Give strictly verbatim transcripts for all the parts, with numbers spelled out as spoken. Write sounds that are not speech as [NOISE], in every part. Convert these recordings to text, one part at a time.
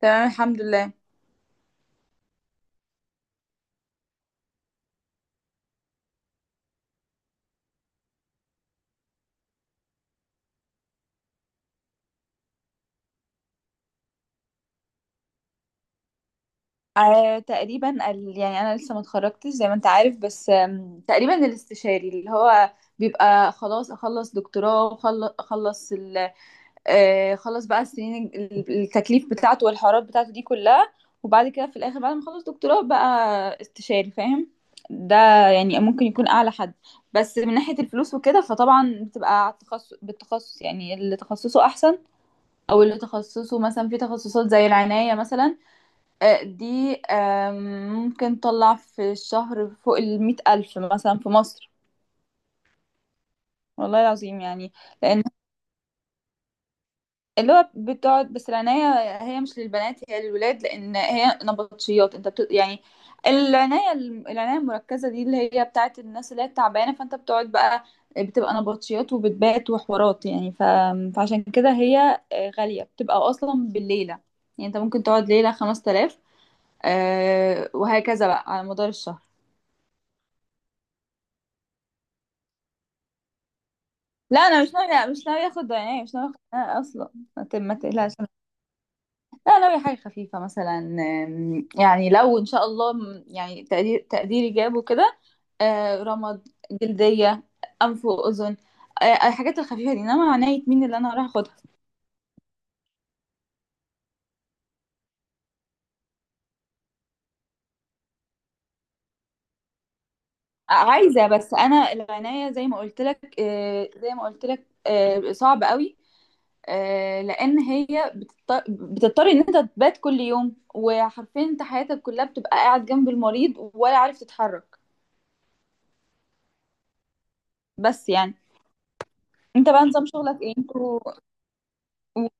تمام، الحمد لله. آه تقريبا ال- يعني انا لسه ما اتخرجتش زي ما انت عارف، بس آم، تقريبا الاستشاري اللي هو بيبقى خلاص اخلص دكتوراه وخلص اخلص ال آه، خلص بقى السنين ال- التكليف بتاعته والحوارات بتاعته دي كلها، وبعد كده في الاخر بعد ما اخلص دكتوراه بقى استشاري، فاهم؟ ده يعني ممكن يكون اعلى حد. بس من ناحية الفلوس وكده فطبعا بتبقى على التخصص بالتخصص، يعني اللي تخصصه احسن او اللي تخصصه مثلا في تخصصات زي العناية مثلا، آه، دي آم، ممكن تطلع في الشهر فوق المية ألف مثلا في مصر، والله العظيم، يعني. لأن اللي هو بتقعد، بس العناية هي مش للبنات، هي للولاد، لأن هي نبطشيات. أنت بت... يعني العناية العناية المركزة دي اللي هي بتاعت الناس اللي هي تعبانة، فأنت بتقعد بقى، بتبقى نبطشيات وبتبات وحوارات، يعني ف... فعشان كده هي آه، غالية، بتبقى أصلا بالليلة، يعني أنت ممكن تقعد ليلة خمس تلاف، وهكذا بقى على مدار الشهر. لا انا مش ناويه، مش ناويه اخد يعني مش ناويه اخد أنا اصلا. ما ت- ما تقلقش. لا، ناويه حاجه خفيفه مثلا، أم، يعني لو ان شاء الله، م- يعني تقدير تقديري جابه كده، آه، رمد، جلديه، انف واذن، آه، الحاجات الخفيفه دي، انما عنايه مين اللي انا هروح اخدها. عايزه، بس انا العنايه زي ما قلت لك، آه، زي ما قلت لك آه، صعب قوي، آه، لان هي بتضط- بتضطر ان انت تبات كل يوم، وحرفيا انت حياتك كلها بتبقى قاعد جنب المريض، ولا عارف تتحرك. بس يعني. انت بقى نظام شغلك ايه انتوا؟ و-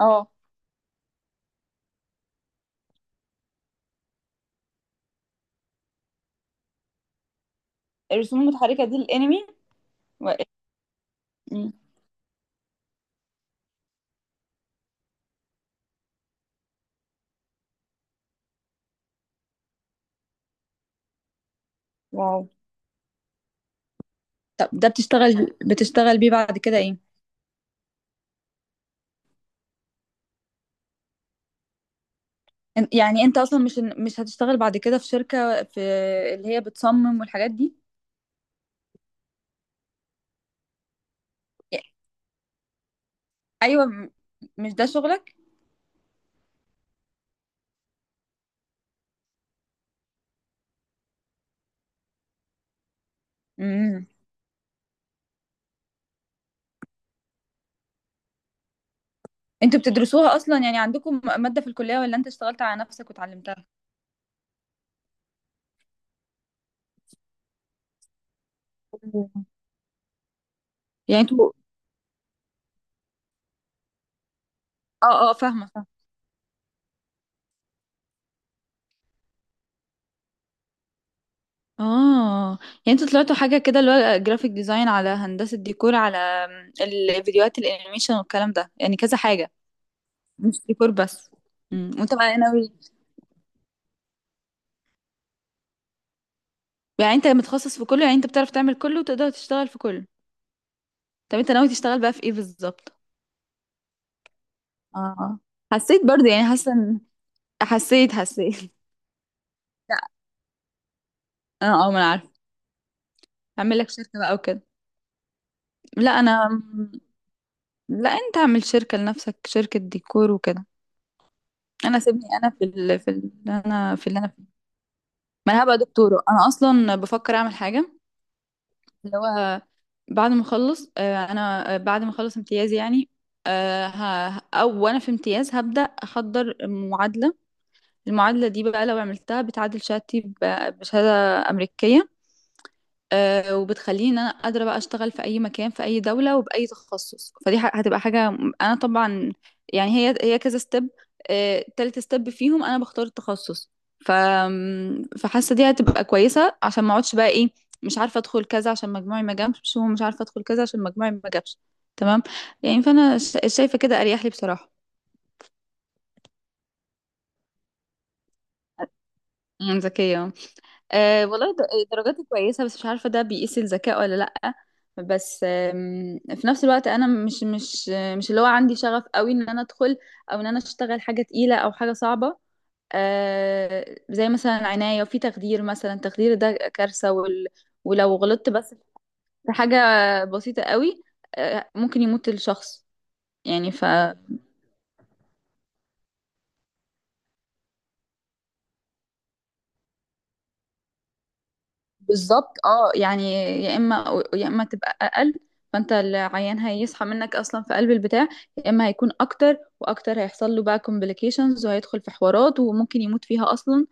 اه. الرسوم المتحركة دي الانمي؟ و... مم. واو. طب ده بتشتغل بتشتغل بيه بعد كده ايه؟ إن- يعني انت اصلا مش مش هتشتغل بعد كده في شركة، في اللي هي بتصمم والحاجات دي؟ إيه، ايوه. م- مش ده شغلك؟ انتوا بتدرسوها اصلا، يعني عندكم مادة في الكلية، ولا انت اشتغلت على نفسك وتعلمتها؟ أوه. يعني انتوا. اه، اه، فاهمة فاهمة. اه، يعني انتوا طلعتوا حاجة كده، اللي هو جرافيك ديزاين، على هندسة ديكور، على الفيديوهات الانيميشن والكلام ده، يعني كذا حاجة، مش ديكور بس. امم وانت بقى ناوي، يعني انت متخصص في كله، يعني انت بتعرف تعمل كله وتقدر تشتغل في كله. طب انت ناوي تشتغل بقى في ايه بالظبط؟ اه. حسيت برضه، يعني حاسة ان- حسيت حسيت [LAUGHS] لا، اه اه، ما انا عارفة. اعمل لك شركة بقى وكده. لا انا. لا، انت اعمل شركة لنفسك، شركة ديكور وكده. انا سيبني، انا في ال... في ال... انا في اللي انا فيه. ما انا هبقى دكتورة، انا اصلا بفكر اعمل حاجة، اللي هو بعد ما اخلص آه، انا آه، بعد ما اخلص امتيازي، يعني آه، ه... او وانا في امتياز، هبدأ احضر معادلة. المعادلة دي بقى لو عملتها بتعادل شهادتي ب- بشهادة أمريكية، آه، وبتخليني ان انا قادره بقى اشتغل في اي مكان في اي دوله وباي تخصص. فدي ح- هتبقى حاجه، م- انا طبعا يعني هي هي كذا ستيب، تالت ستيب فيهم انا بختار التخصص. ف فحاسه دي هتبقى كويسه عشان ما اقعدش بقى ايه، مش عارفه ادخل كذا عشان مجموعي ما جابش، ومش عارفه ادخل كذا عشان مجموعي ما جابش. تمام؟ يعني فانا شا- شايفه كده اريح لي، بصراحه. مم، ذكيه. أه، والله، د- درجاتي كويسة، بس مش عارفة ده بيقيس الذكاء ولا لأ. بس آم، في نفس الوقت أنا مش مش مش اللي هو عندي شغف قوي إن أنا أدخل، أو إن أنا أشتغل حاجة تقيلة أو حاجة صعبة. أه، زي مثلا عناية، وفي تخدير مثلا. التخدير ده كارثة، وال ولو غلطت بس في حاجة بسيطة قوي، أه، ممكن يموت الشخص. يعني ف بالظبط، اه، يعني يا اما يا اما تبقى اقل، فانت العيان هيصحى منك اصلا في قلب البتاع، يا اما هيكون اكتر واكتر، هيحصل له بقى complications، وهيدخل في حوارات، وممكن يموت فيها اصلا.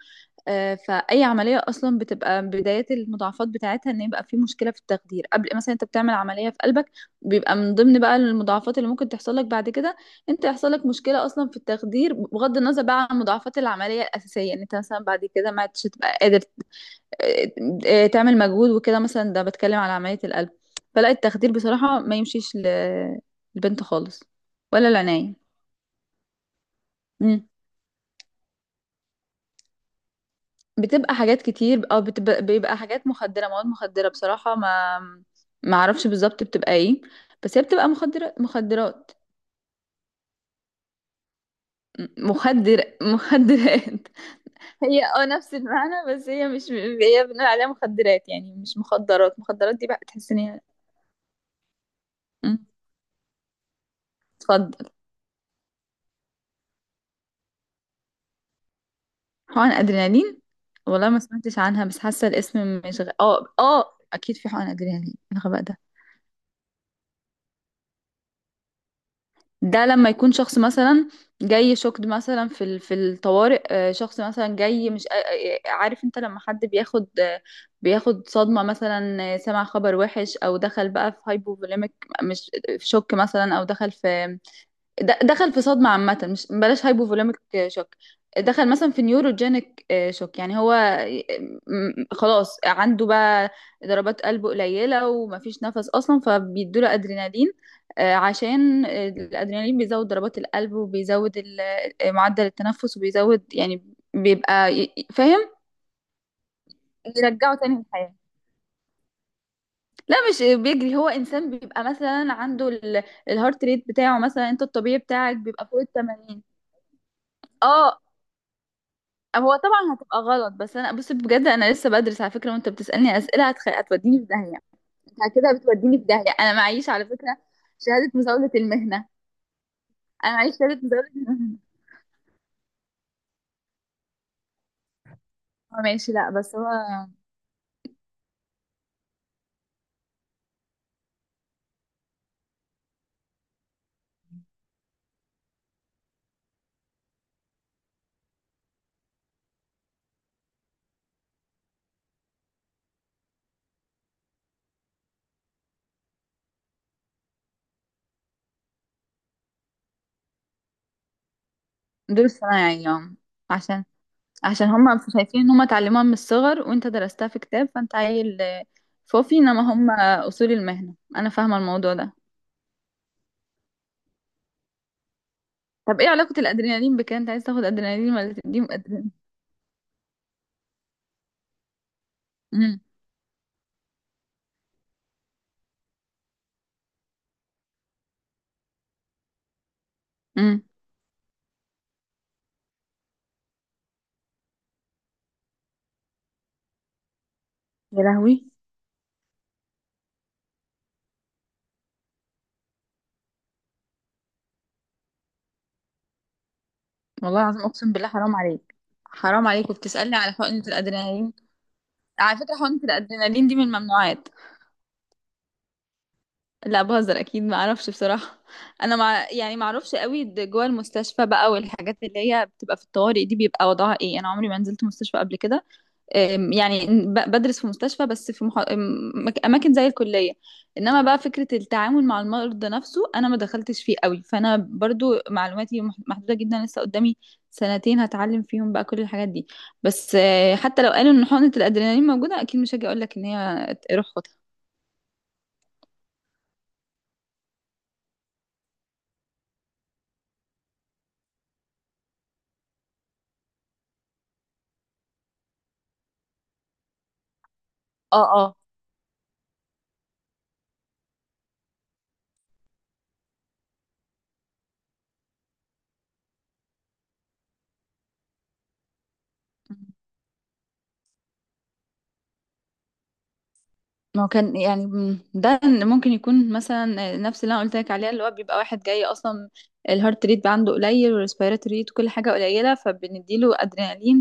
آه، فاي عمليه اصلا بتبقى بدايه المضاعفات بتاعتها ان يبقى في مشكله في التخدير. قبل مثلا انت بتعمل عمليه في قلبك، بيبقى من ضمن بقى المضاعفات اللي ممكن تحصل لك بعد كده انت يحصل لك مشكله اصلا في التخدير، بغض النظر بقى عن مضاعفات العمليه الاساسيه، ان انت مثلا بعد كده ما عدتش تبقى قادر آه، آه، تعمل مجهود وكده مثلا، ده بتكلم على عملية القلب. فلا، التخدير بصراحة ما يمشيش ل- للبنت خالص، ولا العناية. مم. بتبقى حاجات كتير، او بتبقى بيبقى حاجات مخدرة، مواد مخدرة، بصراحة ما ما اعرفش بالظبط بتبقى ايه، بس هي بتبقى مخدرة، مخدرات. م- مخدر، مخدرات. [LAUGHS] هي اه، نفس المعنى، بس هي مش، هي بنقول عليها مخدرات، يعني مش مخدرات مخدرات دي بقى تحس ان هي. مم. اتفضل. حقن ادرينالين؟ والله ما سمعتش عنها، بس حاسه الاسم مش غ... اه، اه، اكيد في حقن ادرينالين، إيه الغباء ده. ده لما يكون شخص مثلا جاي شوكد مثلا في ال- في الطوارئ، آه، شخص مثلا جاي مش آه، آه، عارف انت لما حد بياخد آه، بياخد صدمه مثلا، آه، سمع خبر وحش، او دخل بقى في هايبوفوليميك، مش في شوك مثلا، او دخل في د- دخل في صدمة عامة، مش بلاش هايبوفوليميك شوك، دخل مثلا في نيوروجينيك شوك، يعني هو م- خلاص عنده بقى ضربات قلبه قليلة ومفيش نفس أصلا، فبيدوله أدرينالين، آه، عشان الأدرينالين بيزود ضربات القلب، وبيزود ال- آه، معدل التنفس، وبيزود، يعني بيبقى ي- ي- فاهم، يرجعه تاني للحياة. لا، مش بيجري، هو إنسان بيبقى مثلا عنده ال- الهارت ريت بتاعه مثلا، أنت الطبيعي بتاعك بيبقى فوق التمانين. اه. هو طبعا هتبقى غلط، بس انا بص، بجد انا لسه بدرس على فكره، وانت بتسالني اسئله هتخ... هتوديني في داهيه، انت كده بتوديني في داهيه. انا معيش على فكره شهاده مزاوله المهنه، انا معيش شهاده مزاوله المهنه. هو ماشي، لا، بس هو. دول صنايعي، يعني. عشان، عشان هم شايفين ان هم اتعلموها من الصغر، وانت درستها في كتاب، فانت عيل، آه، فوفي، انما هم اصول المهنه، انا فاهمه الموضوع ده. طب ايه علاقه الادرينالين بكده، انت عايز تاخد ادرينالين ولا تديهم ادرينالين؟ امم امم يا لهوي، والله العظيم، اقسم بالله حرام عليك، حرام عليك، وبتسألني على حقنة الادرينالين؟ على فكرة حقنة الادرينالين دي من الممنوعات. لا بهزر، اكيد ما اعرفش بصراحة، انا مع، يعني ما اعرفش قوي، د- جوه المستشفى بقى والحاجات اللي هي بتبقى في الطوارئ دي بيبقى وضعها ايه، انا عمري ما نزلت مستشفى قبل كده. أم، يعني ب- بدرس في مستشفى، بس في مح... أم، مك- اماكن زي الكليه، انما بقى فكره التعامل مع المرضى نفسه انا ما دخلتش فيه قوي، فانا برضو معلوماتي مح- محدوده جدا، لسه قدامي سنتين هتعلم فيهم بقى كل الحاجات دي. بس آه، حتى لو قالوا ان حقنه الادرينالين موجوده، اكيد مش هاجي اقول لك ان هي ت- روح خدها. اه، اه، ما هو كان يعني، م- ده ممكن يكون مثلا نفس اللي انا قلت لك عليها، اللي هو بيبقى واحد جاي اصلا الهارت ريت بقى عنده قليل، والريسبيرات ريت، وكل حاجه قليله، فبنديله ادرينالين،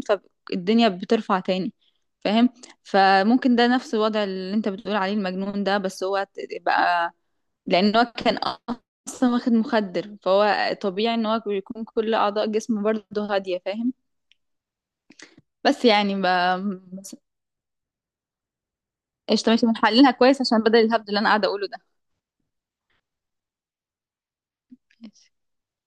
فالدنيا بترفع تاني، فاهم؟ فممكن ده نفس الوضع اللي انت بتقول عليه المجنون ده، بس هو ت- بقى لان هو كان اصلا واخد مخدر، فهو طبيعي ان هو بيكون كل اعضاء جسمه برضه هاديه، فاهم؟ بس يعني ب... بس- قشطه، ماشي، بنحللها كويس عشان بدل الهبد اللي انا قاعده اقوله ده.